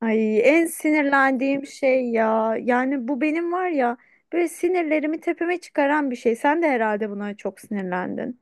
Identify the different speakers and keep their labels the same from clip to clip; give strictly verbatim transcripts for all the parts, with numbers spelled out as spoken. Speaker 1: Ay, en sinirlendiğim şey ya. Yani bu benim var ya, böyle sinirlerimi tepeme çıkaran bir şey. Sen de herhalde buna çok sinirlendin.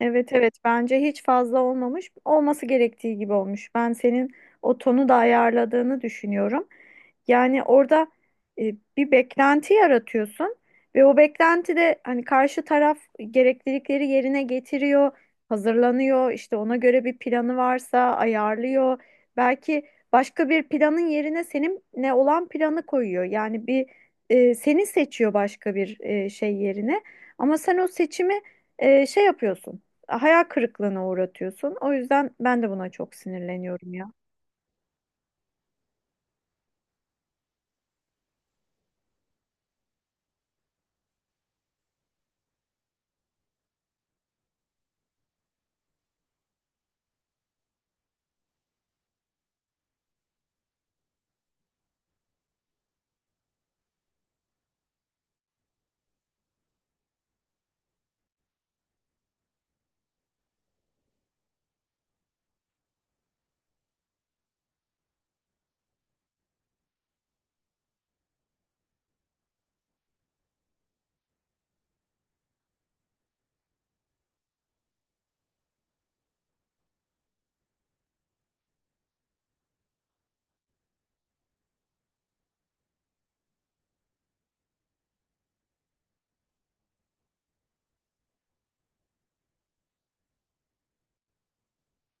Speaker 1: Evet evet bence hiç fazla olmamış. Olması gerektiği gibi olmuş. Ben senin o tonu da ayarladığını düşünüyorum. Yani orada e, bir beklenti yaratıyorsun ve o beklenti de hani karşı taraf gereklilikleri yerine getiriyor, hazırlanıyor, işte ona göre bir planı varsa ayarlıyor. Belki başka bir planın yerine senin ne olan planı koyuyor. Yani bir e, seni seçiyor başka bir e, şey yerine. Ama sen o seçimi e, şey yapıyorsun, hayal kırıklığına uğratıyorsun. O yüzden ben de buna çok sinirleniyorum ya.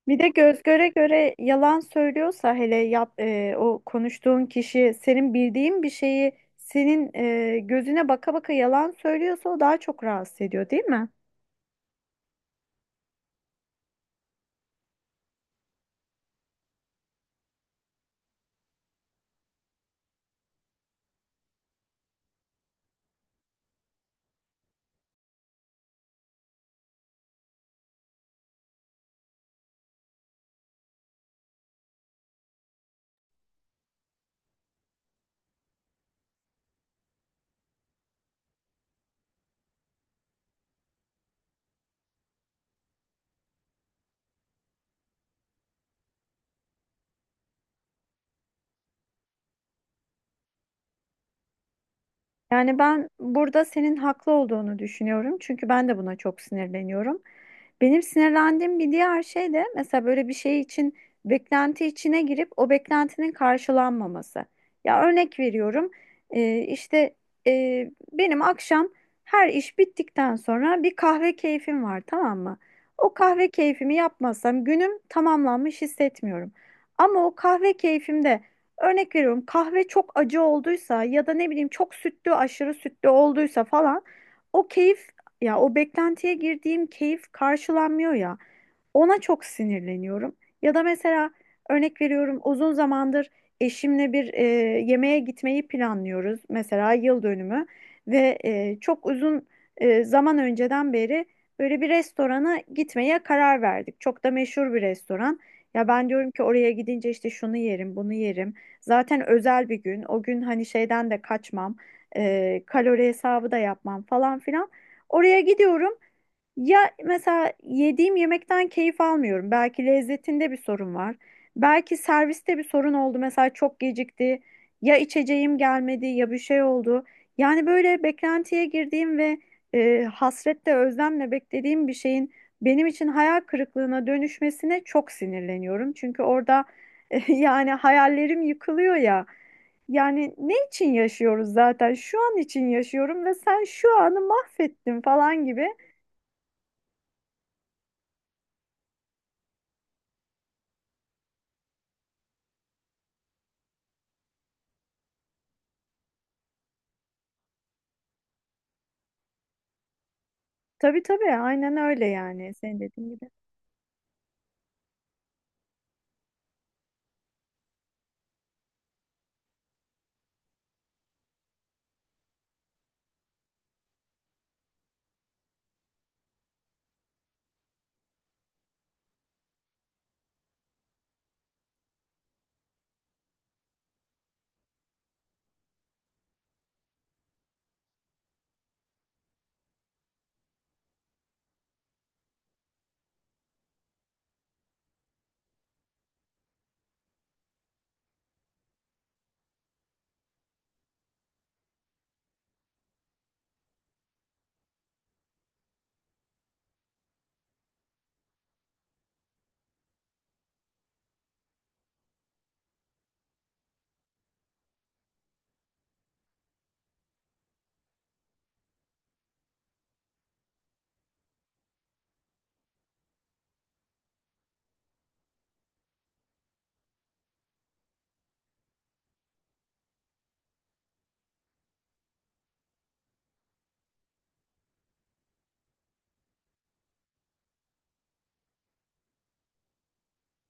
Speaker 1: Bir de göz göre göre yalan söylüyorsa, hele yap e, o konuştuğun kişi senin bildiğin bir şeyi senin e, gözüne baka baka yalan söylüyorsa, o daha çok rahatsız ediyor, değil mi? Yani ben burada senin haklı olduğunu düşünüyorum. Çünkü ben de buna çok sinirleniyorum. Benim sinirlendiğim bir diğer şey de mesela böyle bir şey için beklenti içine girip o beklentinin karşılanmaması. Ya, örnek veriyorum, e, işte, e, benim akşam her iş bittikten sonra bir kahve keyfim var, tamam mı? O kahve keyfimi yapmazsam günüm tamamlanmış hissetmiyorum. Ama o kahve keyfimde, örnek veriyorum, kahve çok acı olduysa ya da ne bileyim çok sütlü, aşırı sütlü olduysa falan, o keyif, ya o beklentiye girdiğim keyif karşılanmıyor ya, ona çok sinirleniyorum. Ya da mesela örnek veriyorum, uzun zamandır eşimle bir e, yemeğe gitmeyi planlıyoruz, mesela yıl dönümü, ve e, çok uzun e, zaman önceden beri böyle bir restorana gitmeye karar verdik. Çok da meşhur bir restoran. Ya ben diyorum ki oraya gidince işte şunu yerim, bunu yerim. Zaten özel bir gün. O gün hani şeyden de kaçmam, e, kalori hesabı da yapmam falan filan. Oraya gidiyorum. Ya mesela yediğim yemekten keyif almıyorum. Belki lezzetinde bir sorun var. Belki serviste bir sorun oldu. Mesela çok gecikti. Ya içeceğim gelmedi, ya bir şey oldu. Yani böyle beklentiye girdiğim ve e, hasretle özlemle beklediğim bir şeyin benim için hayal kırıklığına dönüşmesine çok sinirleniyorum. Çünkü orada yani hayallerim yıkılıyor ya. Yani ne için yaşıyoruz zaten? Şu an için yaşıyorum ve sen şu anı mahvettin falan gibi. Tabii tabii aynen öyle, yani senin dediğin gibi.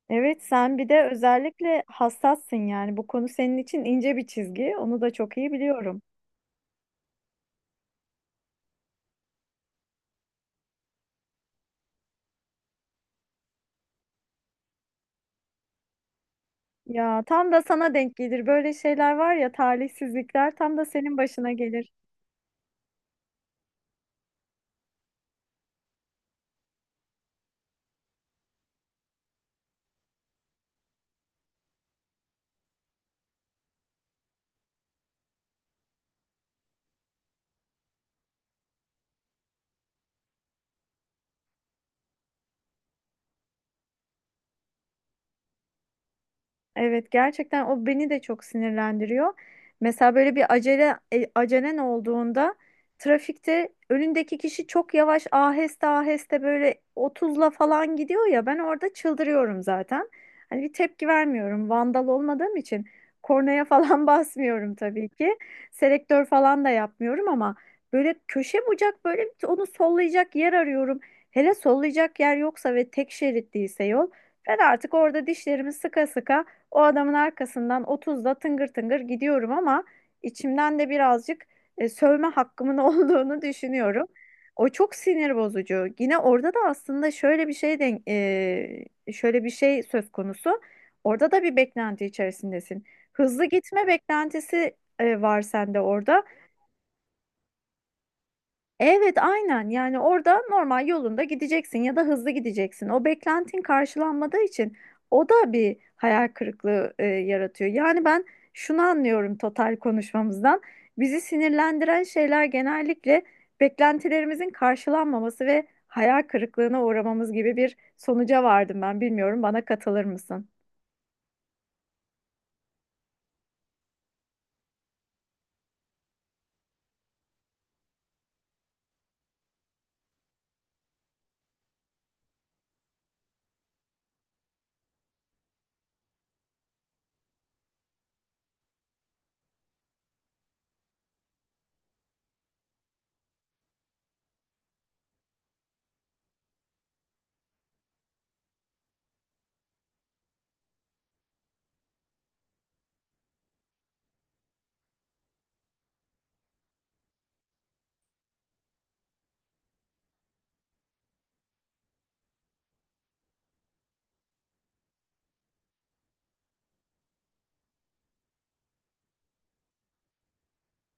Speaker 1: Evet, sen bir de özellikle hassassın, yani bu konu senin için ince bir çizgi, onu da çok iyi biliyorum. Ya tam da sana denk gelir böyle şeyler, var ya, talihsizlikler tam da senin başına gelir. Evet, gerçekten o beni de çok sinirlendiriyor. Mesela böyle bir acele e, acelen olduğunda trafikte önündeki kişi çok yavaş, aheste aheste, böyle otuzla falan gidiyor ya, ben orada çıldırıyorum zaten. Hani bir tepki vermiyorum. Vandal olmadığım için kornaya falan basmıyorum tabii ki. Selektör falan da yapmıyorum ama böyle köşe bucak böyle bir- onu sollayacak yer arıyorum. Hele sollayacak yer yoksa ve tek şerit değilse yol, ben artık orada dişlerimi sıka sıka o adamın arkasından otuzda tıngır tıngır gidiyorum ama içimden de birazcık e, sövme hakkımın olduğunu düşünüyorum. O çok sinir bozucu. Yine orada da aslında şöyle bir şey denk, e, şöyle bir şey söz konusu. Orada da bir beklenti içerisindesin. Hızlı gitme beklentisi e, var sende orada. Evet, aynen, yani orada normal yolunda gideceksin ya da hızlı gideceksin. O beklentin karşılanmadığı için o da bir hayal kırıklığı e, yaratıyor. Yani ben şunu anlıyorum total konuşmamızdan: bizi sinirlendiren şeyler genellikle beklentilerimizin karşılanmaması ve hayal kırıklığına uğramamız gibi bir sonuca vardım ben. Bilmiyorum, bana katılır mısın?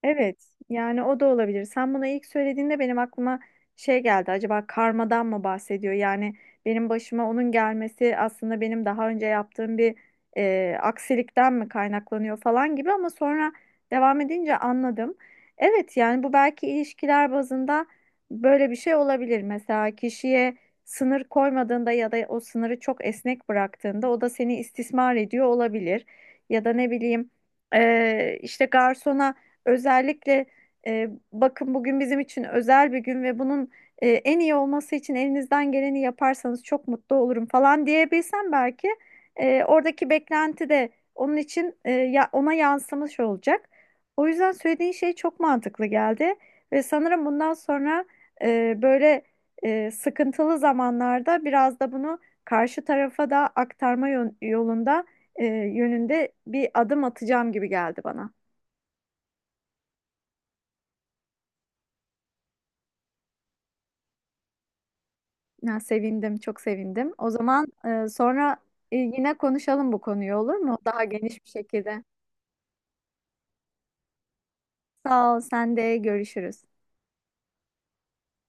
Speaker 1: Evet, yani o da olabilir. Sen buna ilk söylediğinde benim aklıma şey geldi. Acaba karmadan mı bahsediyor? Yani benim başıma onun gelmesi aslında benim daha önce yaptığım bir e, aksilikten mi kaynaklanıyor falan gibi, ama sonra devam edince anladım. Evet, yani bu belki ilişkiler bazında böyle bir şey olabilir. Mesela kişiye sınır koymadığında ya da o sınırı çok esnek bıraktığında, o da seni istismar ediyor olabilir. Ya da ne bileyim, e, işte garsona özellikle, e, bakın bugün bizim için özel bir gün ve bunun e, en iyi olması için elinizden geleni yaparsanız çok mutlu olurum falan diyebilsem belki e, oradaki beklenti de onun için, e, ya, ona yansımış olacak. O yüzden söylediğin şey çok mantıklı geldi ve sanırım bundan sonra e, böyle e, sıkıntılı zamanlarda biraz da bunu karşı tarafa da aktarma yön- yolunda e, yönünde bir adım atacağım gibi geldi bana. Ya, sevindim, çok sevindim. O zaman e, sonra e, yine konuşalım bu konuyu, olur mu? Daha geniş bir şekilde. Sağ ol, sen de, görüşürüz.